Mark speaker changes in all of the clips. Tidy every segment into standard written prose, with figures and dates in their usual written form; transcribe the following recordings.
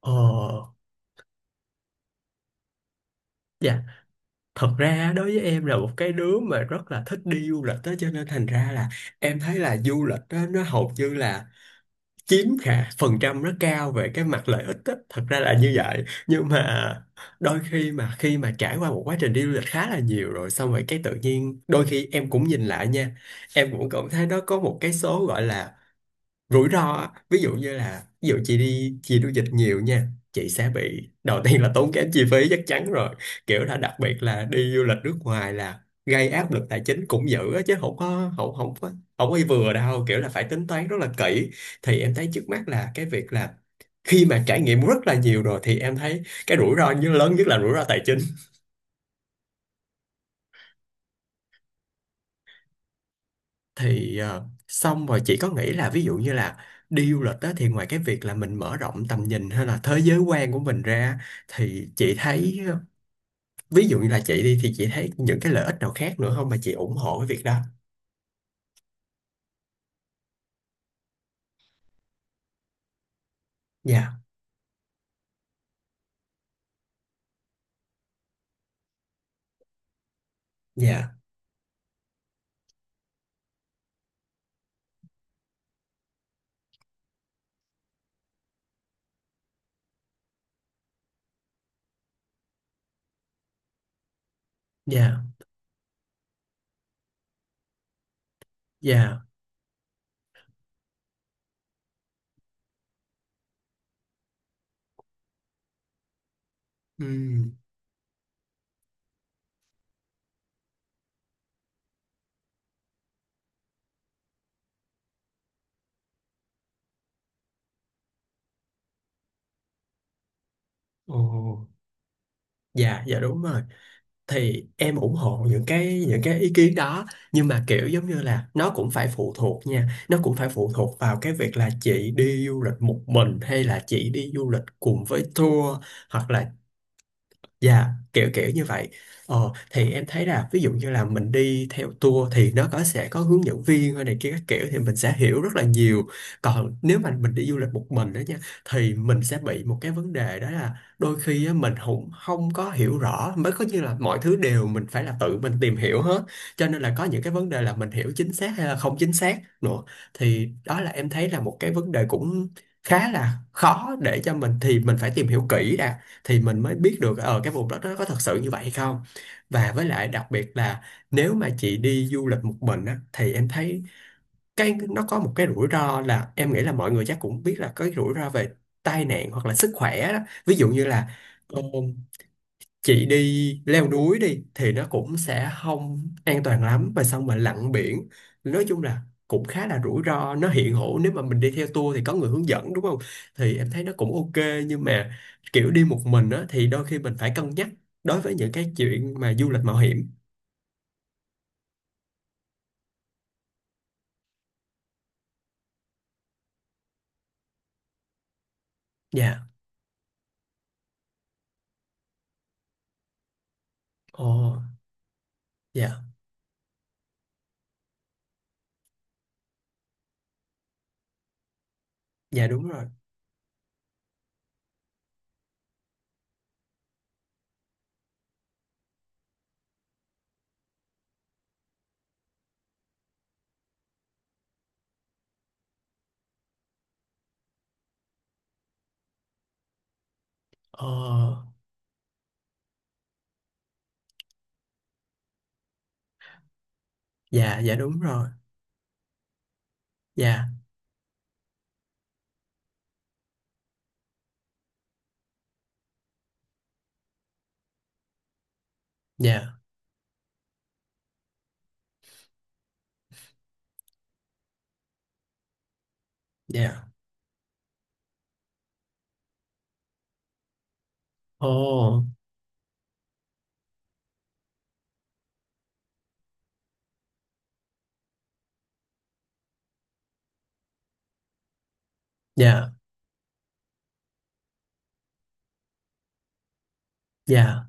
Speaker 1: Ờ, dạ, thật ra đối với em là một cái đứa mà rất là thích đi du lịch đó, cho nên thành ra là em thấy là du lịch đó nó hầu như là chiếm khả phần trăm rất cao về cái mặt lợi ích đó. Thật ra là như vậy, nhưng mà đôi khi mà trải qua một quá trình đi du lịch khá là nhiều rồi xong rồi cái tự nhiên đôi khi em cũng nhìn lại nha, em cũng cảm thấy nó có một cái số gọi là rủi ro á. Ví dụ như là ví dụ chị đi chị du lịch nhiều nha, chị sẽ bị đầu tiên là tốn kém chi phí chắc chắn rồi, kiểu là đặc biệt là đi du lịch nước ngoài là gây áp lực tài chính cũng dữ á, chứ không có vừa đâu, kiểu là phải tính toán rất là kỹ. Thì em thấy trước mắt là cái việc là khi mà trải nghiệm rất là nhiều rồi thì em thấy cái rủi ro như lớn nhất là rủi ro tài chính. Thì xong rồi chị có nghĩ là ví dụ như là đi du lịch đó thì ngoài cái việc là mình mở rộng tầm nhìn hay là thế giới quan của mình ra thì chị thấy, ví dụ như là chị đi thì chị thấy những cái lợi ích nào khác nữa không mà chị ủng hộ cái việc đó. Dạ, dạ, dạ, dạ. Ừm. Ồ. Dạ, dạ đúng rồi. Thì em ủng hộ những cái ý kiến đó, nhưng mà kiểu giống như là nó cũng phải phụ thuộc nha, nó cũng phải phụ thuộc vào cái việc là chị đi du lịch một mình hay là chị đi du lịch cùng với tour, hoặc là. Dạ, kiểu kiểu như vậy. Ờ, thì em thấy là ví dụ như là mình đi theo tour thì nó có sẽ có hướng dẫn viên hay này kia các kiểu thì mình sẽ hiểu rất là nhiều. Còn nếu mà mình đi du lịch một mình đó nha, thì mình sẽ bị một cái vấn đề đó là đôi khi á, mình không không có hiểu rõ mới có như là mọi thứ đều mình phải là tự mình tìm hiểu hết. Cho nên là có những cái vấn đề là mình hiểu chính xác hay là không chính xác nữa. Thì đó là em thấy là một cái vấn đề cũng khá là khó để cho mình, thì mình phải tìm hiểu kỹ đã thì mình mới biết được ở cái vùng đất đó có thật sự như vậy hay không. Và với lại đặc biệt là nếu mà chị đi du lịch một mình á thì em thấy cái nó có một cái rủi ro là em nghĩ là mọi người chắc cũng biết là có cái rủi ro về tai nạn hoặc là sức khỏe đó. Ví dụ như là ờ, chị đi leo núi đi thì nó cũng sẽ không an toàn lắm, và xong mà lặn biển nói chung là cũng khá là rủi ro, nó hiện hữu. Nếu mà mình đi theo tour thì có người hướng dẫn, đúng không? Thì em thấy nó cũng ok, nhưng mà kiểu đi một mình á thì đôi khi mình phải cân nhắc đối với những cái chuyện mà du lịch mạo hiểm. Dạ. Ồ. Dạ, dạ đúng rồi. Ồ. Dạ, dạ đúng rồi. Dạ, dạ, dạ. Ồ. Dạ, dạ.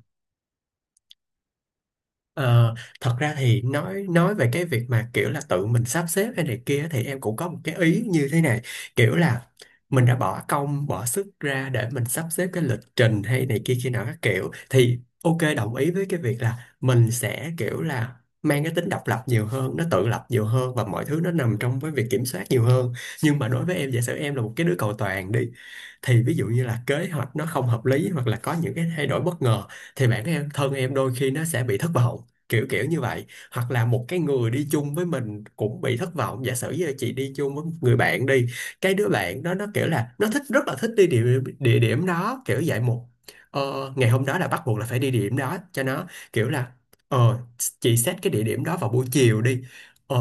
Speaker 1: Ờ, thật ra thì nói về cái việc mà kiểu là tự mình sắp xếp hay này kia thì em cũng có một cái ý như thế này, kiểu là mình đã bỏ công bỏ sức ra để mình sắp xếp cái lịch trình hay này kia kia nào các kiểu thì ok đồng ý với cái việc là mình sẽ kiểu là mang cái tính độc lập nhiều hơn, nó tự lập nhiều hơn, và mọi thứ nó nằm trong cái việc kiểm soát nhiều hơn. Nhưng mà đối với em giả sử em là một cái đứa cầu toàn đi, thì ví dụ như là kế hoạch nó không hợp lý hoặc là có những cái thay đổi bất ngờ thì bản thân em đôi khi nó sẽ bị thất vọng, kiểu kiểu như vậy. Hoặc là một cái người đi chung với mình cũng bị thất vọng, giả sử như là chị đi chung với một người bạn đi, cái đứa bạn đó nó kiểu là nó thích rất là thích đi địa điểm đó, kiểu vậy. Một, ngày hôm đó là bắt buộc là phải đi địa điểm đó cho nó, kiểu là ờ chị xét cái địa điểm đó vào buổi chiều đi, ờ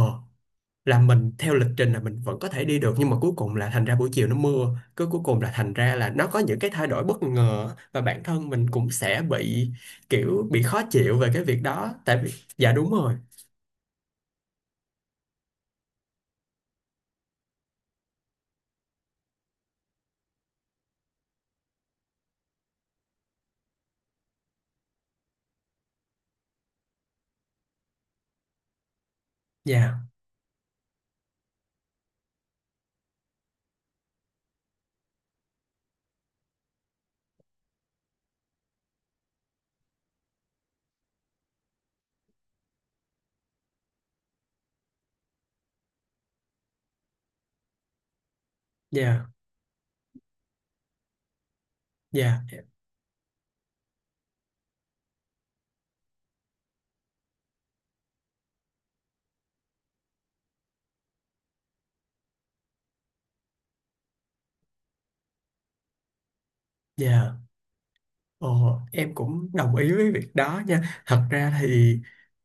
Speaker 1: là mình theo lịch trình là mình vẫn có thể đi được nhưng mà cuối cùng là thành ra buổi chiều nó mưa, cứ cuối cùng là thành ra là nó có những cái thay đổi bất ngờ và bản thân mình cũng sẽ bị kiểu bị khó chịu về cái việc đó, tại vì. Dạ đúng rồi. Dạ, dạ, dạ, dạ. Ờ, em cũng đồng ý với việc đó nha. Thật ra thì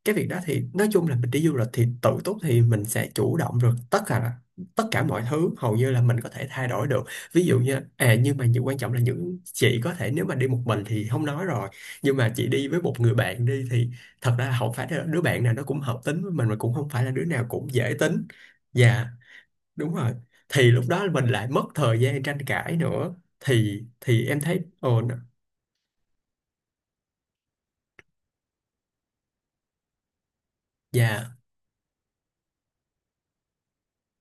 Speaker 1: cái việc đó thì nói chung là mình đi du lịch thì tự túc thì mình sẽ chủ động được tất cả, là tất cả mọi thứ hầu như là mình có thể thay đổi được. Ví dụ như à, nhưng mà những quan trọng là những chị có thể nếu mà đi một mình thì không nói rồi, nhưng mà chị đi với một người bạn đi thì thật ra không phải là đứa bạn nào nó cũng hợp tính với mình mà cũng không phải là đứa nào cũng dễ tính. Dạ, đúng rồi. Thì lúc đó mình lại mất thời gian tranh cãi nữa, thì em thấy ồn. Dạ,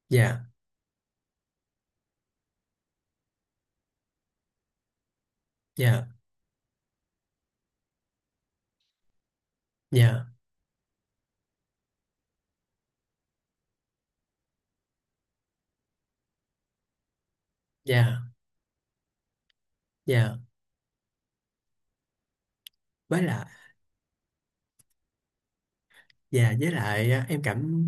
Speaker 1: dạ, dạ, dạ, dạ, dạ với lại. Dạ với lại á, em cảm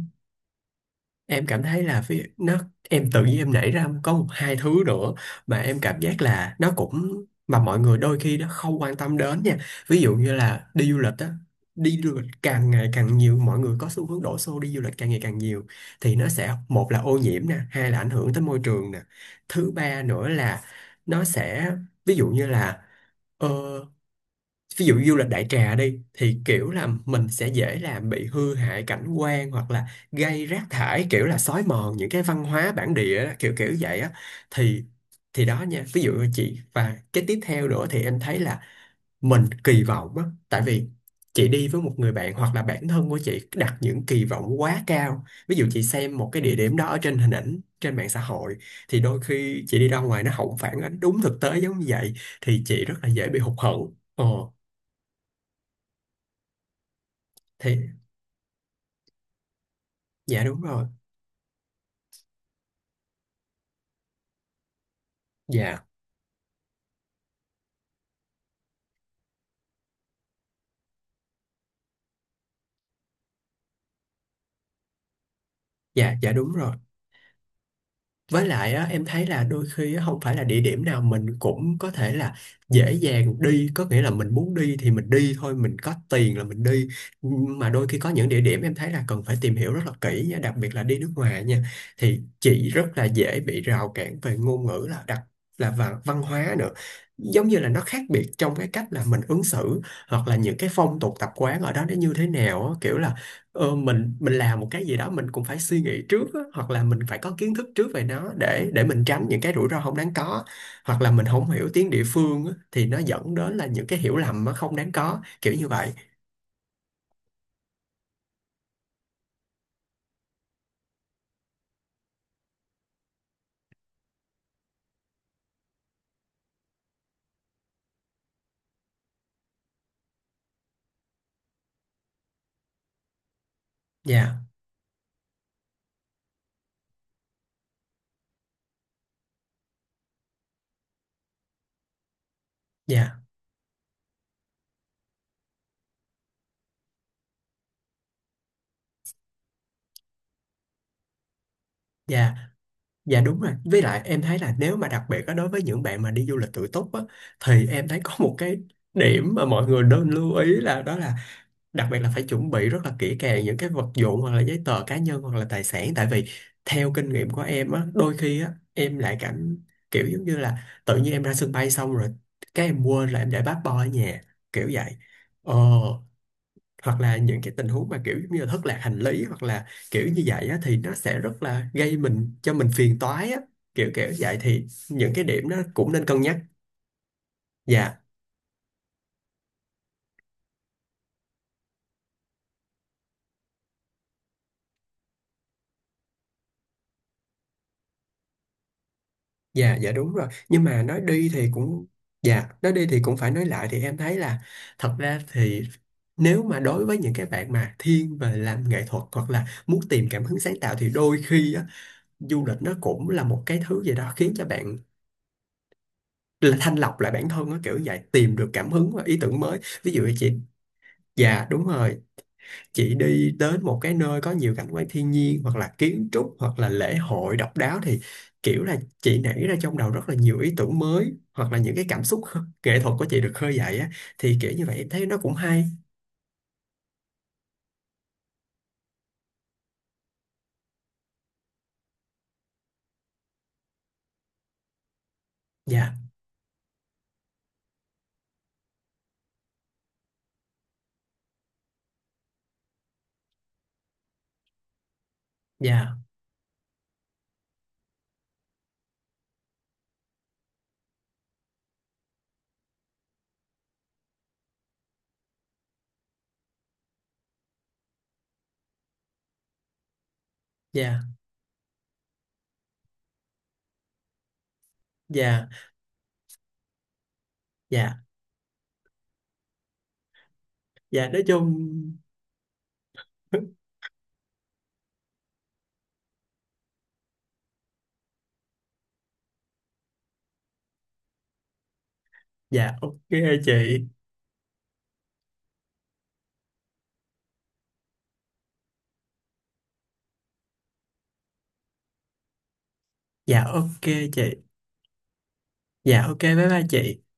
Speaker 1: em cảm thấy là phía nó em tự nhiên em nảy ra có một hai thứ nữa mà em cảm giác là nó cũng mà mọi người đôi khi nó không quan tâm đến nha. Ví dụ như là đi du lịch á, đi du lịch càng ngày càng nhiều, mọi người có xu hướng đổ xô đi du lịch càng ngày càng nhiều, thì nó sẽ một là ô nhiễm nè, hai là ảnh hưởng tới môi trường nè, thứ ba nữa là nó sẽ, ví dụ như là, ờ, ví dụ du lịch đại trà đi thì kiểu là mình sẽ dễ làm bị hư hại cảnh quan hoặc là gây rác thải, kiểu là xói mòn những cái văn hóa bản địa đó, kiểu kiểu vậy á. Thì thì đó nha, ví dụ như chị, và cái tiếp theo nữa thì em thấy là mình kỳ vọng á, tại vì chị đi với một người bạn hoặc là bản thân của chị đặt những kỳ vọng quá cao, ví dụ chị xem một cái địa điểm đó ở trên hình ảnh trên mạng xã hội thì đôi khi chị đi ra ngoài nó không phản ánh đúng thực tế giống như vậy thì chị rất là dễ bị hụt hẫng. Ờ, thì Dạ đúng rồi. Dạ, dạ, dạ đúng rồi. Với lại á, em thấy là đôi khi á, không phải là địa điểm nào mình cũng có thể là dễ dàng đi, có nghĩa là mình muốn đi thì mình đi thôi, mình có tiền là mình đi. Mà đôi khi có những địa điểm em thấy là cần phải tìm hiểu rất là kỹ nha, đặc biệt là đi nước ngoài nha. Thì chị rất là dễ bị rào cản về ngôn ngữ là đặc là và văn hóa nữa. Giống như là nó khác biệt trong cái cách là mình ứng xử hoặc là những cái phong tục tập quán ở đó nó như thế nào á, kiểu là mình làm một cái gì đó mình cũng phải suy nghĩ trước á, hoặc là mình phải có kiến thức trước về nó để mình tránh những cái rủi ro không đáng có. Hoặc là mình không hiểu tiếng địa phương á, thì nó dẫn đến là những cái hiểu lầm nó không đáng có kiểu như vậy. Dạ, dạ, dạ, dạ đúng rồi, với lại em thấy là nếu mà đặc biệt á, đối với những bạn mà đi du lịch tự túc á, thì em thấy có một cái điểm mà mọi người nên lưu ý là đó là đặc biệt là phải chuẩn bị rất là kỹ càng những cái vật dụng hoặc là giấy tờ cá nhân hoặc là tài sản, tại vì theo kinh nghiệm của em á, đôi khi á em lại cảm kiểu giống như là tự nhiên em ra sân bay xong rồi cái em quên là em để passport ở nhà, kiểu vậy. ờ hoặc là những cái tình huống mà kiểu giống như là thất lạc hành lý hoặc là kiểu như vậy á thì nó sẽ rất là gây mình cho mình phiền toái á, kiểu kiểu vậy thì những cái điểm đó cũng nên cân nhắc. Dạ. Dạ, dạ đúng rồi. Nhưng mà nói đi thì cũng. Dạ, nói đi thì cũng phải nói lại thì em thấy là thật ra thì, nếu mà đối với những cái bạn mà thiên về làm nghệ thuật hoặc là muốn tìm cảm hứng sáng tạo thì đôi khi á, du lịch nó cũng là một cái thứ gì đó khiến cho bạn là thanh lọc lại bản thân á kiểu vậy, tìm được cảm hứng và ý tưởng mới. Ví dụ như chị. Dạ đúng rồi. Chị đi đến một cái nơi có nhiều cảnh quan thiên nhiên hoặc là kiến trúc hoặc là lễ hội độc đáo thì kiểu là chị nảy ra trong đầu rất là nhiều ý tưởng mới hoặc là những cái cảm xúc nghệ thuật của chị được khơi dậy á, thì kiểu như vậy em thấy nó cũng hay. Dạ, dạ, dạ, dạ, dạ, dạ nói chung. Dạ ok chị. Dạ ok chị. Dạ ok, bye bye chị.